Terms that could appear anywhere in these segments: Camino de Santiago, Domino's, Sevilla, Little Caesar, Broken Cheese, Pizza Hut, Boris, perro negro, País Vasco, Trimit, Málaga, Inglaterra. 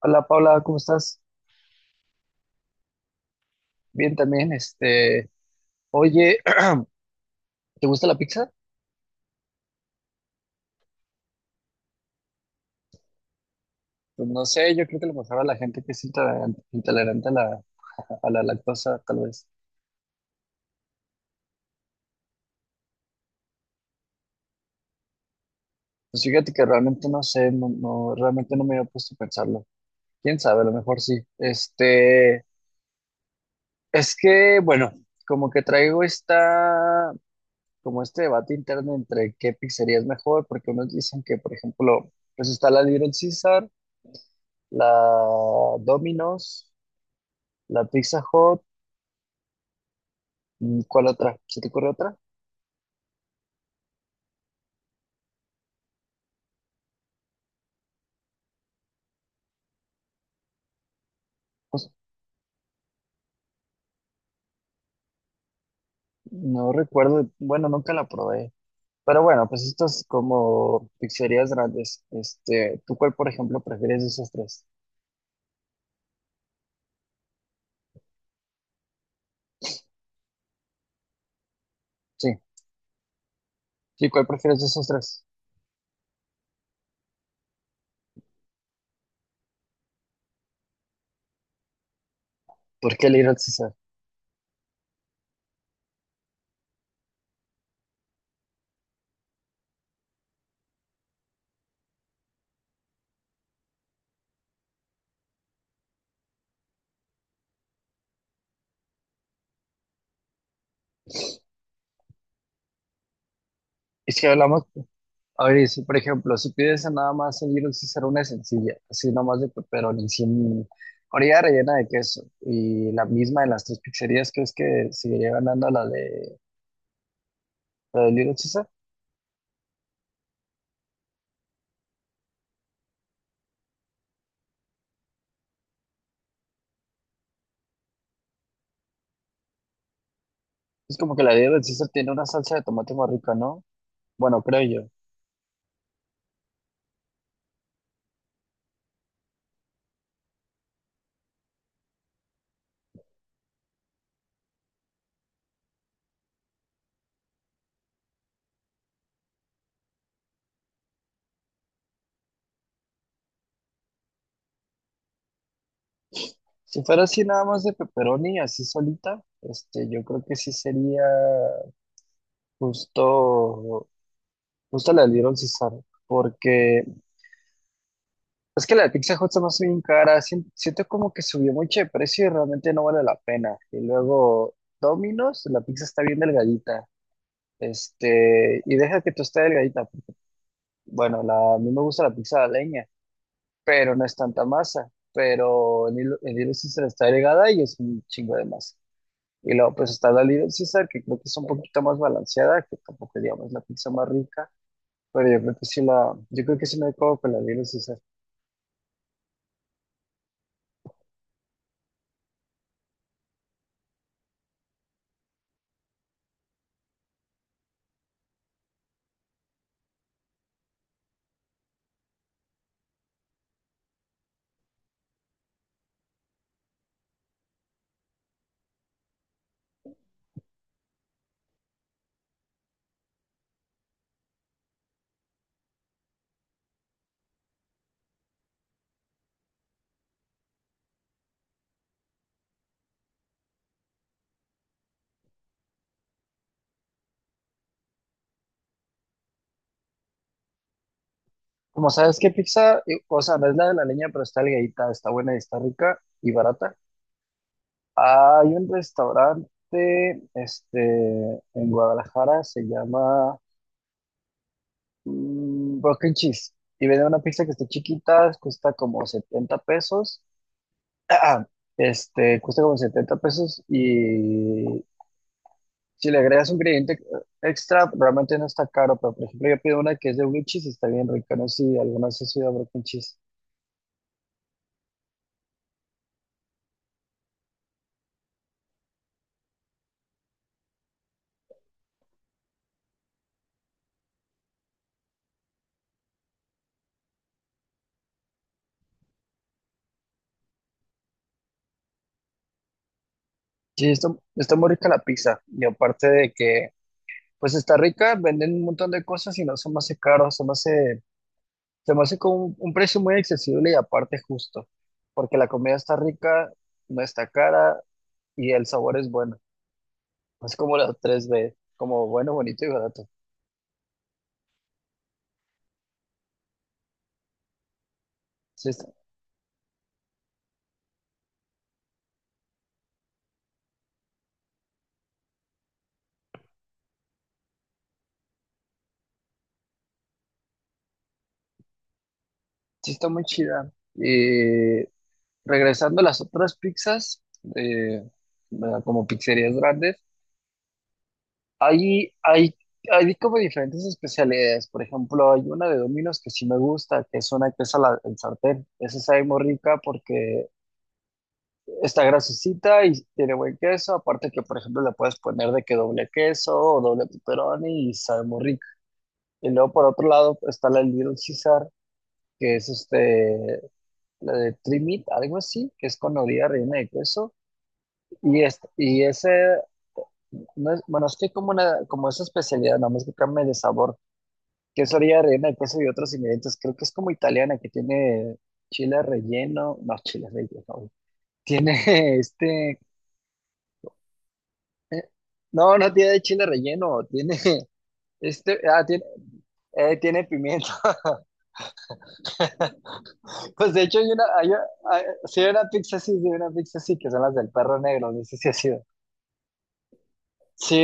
Hola Paula, ¿cómo estás? Bien también, este, oye, ¿te gusta la pizza? Pues no sé, yo creo que a lo mejor a la gente que es intolerante, intolerante a la lactosa, tal vez. Pues fíjate que realmente no sé, no, no, realmente no me había puesto a pensarlo. Quién sabe, a lo mejor sí. Este, es que, bueno, como que traigo esta, como este debate interno entre qué pizzería es mejor, porque unos dicen que, por ejemplo, pues está la Little Caesar, la Domino's, la Pizza Hut. ¿Cuál otra? ¿Se te ocurre otra? No recuerdo, bueno, nunca la probé. Pero bueno, pues estas como pizzerías grandes. Este, ¿tú cuál, por ejemplo, prefieres de esos tres? Sí, sí, ¿cuál prefieres de esos tres? ¿Por qué el Little Caesar? Y si hablamos, a ver, si, por ejemplo, si pides nada más el Little Caesar, una sencilla, así nomás de pepperoni, sin orilla rellena de queso, y la misma de las tres pizzerías, ¿crees que seguiría ganando la de Little Caesar? Es como que la de Little Caesar tiene una salsa de tomate más rica, ¿no? Bueno, creo yo. Si fuera así nada más de pepperoni, así solita, este, yo creo que sí sería justo, justo la del Little Caesar, porque es que la de Pizza Hut se me hace bien cara, siento como que subió mucho de precio y realmente no vale la pena. Y luego Domino's, la pizza está bien delgadita, este, y deja que tú esté delgadita, porque, bueno, la, a mí me gusta la pizza de leña, pero no es tanta masa, pero en Little Caesar está delgada y es un chingo de masa. Y luego pues está la Little Caesar, que creo que es un poquito más balanceada, que tampoco digamos la pizza más rica, pero yo creo que sí me quedo con la Little Caesar. Como sabes qué pizza, o sea, no es la de la leña, pero está delgadita, está buena y está rica y barata. Hay un restaurante, este, en Guadalajara, se llama Broken Cheese, y venden una pizza que está chiquita, cuesta como 70 pesos. Este, cuesta como 70 pesos y, si le agregas un ingrediente extra, realmente no está caro, pero por ejemplo yo pido una que es de blue cheese y está bien rica. No sé si alguna vez has ido a Broken Cheese. Sí, está muy rica la pizza y aparte de que pues está rica, venden un montón de cosas y no se me hace caro, se me hace con un precio muy accesible y aparte justo, porque la comida está rica, no está cara y el sabor es bueno. Es como la tres b, como bueno, bonito y barato. Sí, está, sí está muy chida. Regresando a las otras pizzas, eh, ¿verdad? Como pizzerías grandes, hay, hay, hay como diferentes especialidades. Por ejemplo, hay una de Domino's que sí me gusta, que es una que es en sartén. Esa sabe muy rica porque está grasosita y tiene buen queso. Aparte que, por ejemplo, le puedes poner de que doble queso o doble pepperoni y sabe muy rica. Y luego, por otro lado, está la Little Caesar, que es este, la de Trimit, algo así, que es con orilla rellena de queso. Y ese, no es- bueno, es que hay como una, como esa especialidad, nada más que cambia de sabor, queso, orilla rellena de queso y otros ingredientes. Creo que es como italiana, que tiene chile relleno, no, chile relleno, güey, tiene este, eh, no, no tiene chile relleno, tiene este, tiene, tiene pimiento. Pues de hecho hay una, sí hay una pizza así, sí hay una pizza así, que son las del perro negro, no sé si ha sido. Sí,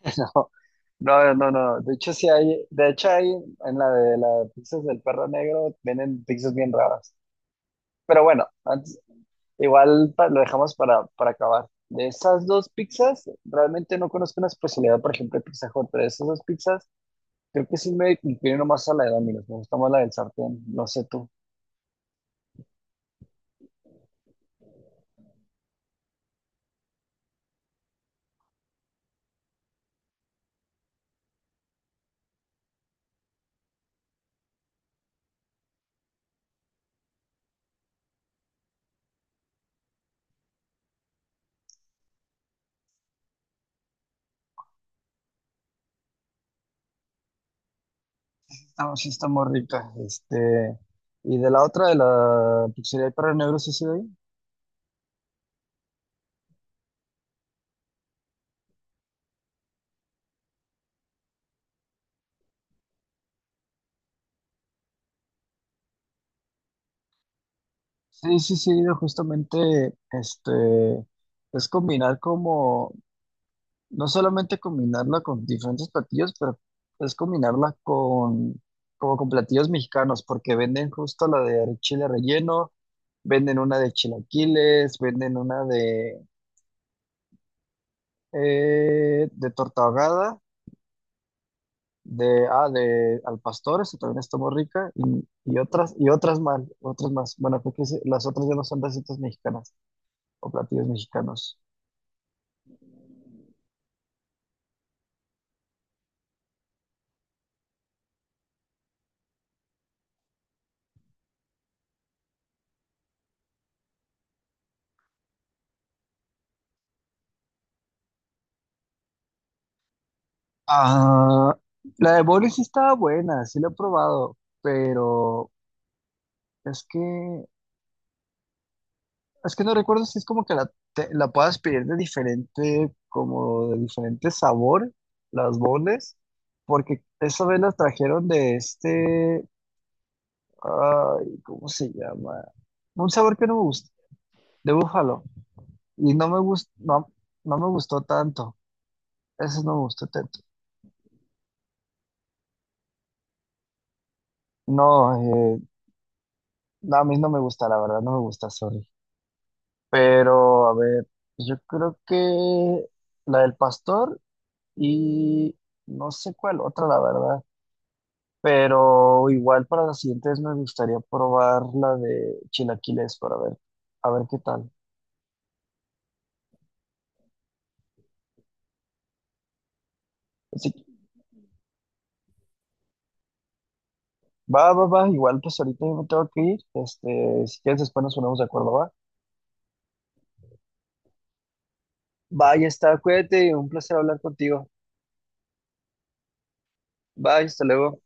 no, no, no, no. De hecho, de hecho hay en la de las pizzas del perro negro, vienen pizzas bien raras. Pero bueno, igual lo dejamos para, acabar. De esas dos pizzas, realmente no conozco una especialidad, por ejemplo, de Pizza Hut, pero de esas dos pizzas, creo que sí me inclino más a la de Domino's, me gusta más la del sartén, no sé tú. Estamos, sí está muy rica, este, y de la otra, de la pizzería del perro negro, sí, sí, sí, sí, sí, no, justamente este es combinar como, no solamente combinarla con diferentes platillos, pero es combinarla con como con platillos mexicanos, porque venden justo la de chile relleno, venden una de chilaquiles, venden una de torta ahogada, de al pastor, eso también está muy rica, y otras, y otras más. Bueno, porque las otras ya no son recetas mexicanas o platillos mexicanos. Ah, la de Boris sí estaba buena, sí la he probado, pero es que es que no recuerdo si es como que la puedas pedir de diferente, como de diferente sabor, las boles, porque esa vez las trajeron de este, ay, ¿cómo se llama? Un sabor que no me gusta, de búfalo, y no me gustó, no, no me gustó tanto, eso no me gustó tanto. No, eh, no, a mí no me gusta, la verdad, no me gusta, sorry. Pero, a ver, yo creo que la del pastor y no sé cuál otra, la verdad. Pero igual para las siguientes me gustaría probar la de chilaquiles para ver, a ver qué tal. Así que, va, va, va, igual pues ahorita yo me tengo que ir. Este, si quieres después nos ponemos de acuerdo, va. Va, ya está, cuídate, un placer hablar contigo. Bye, hasta luego.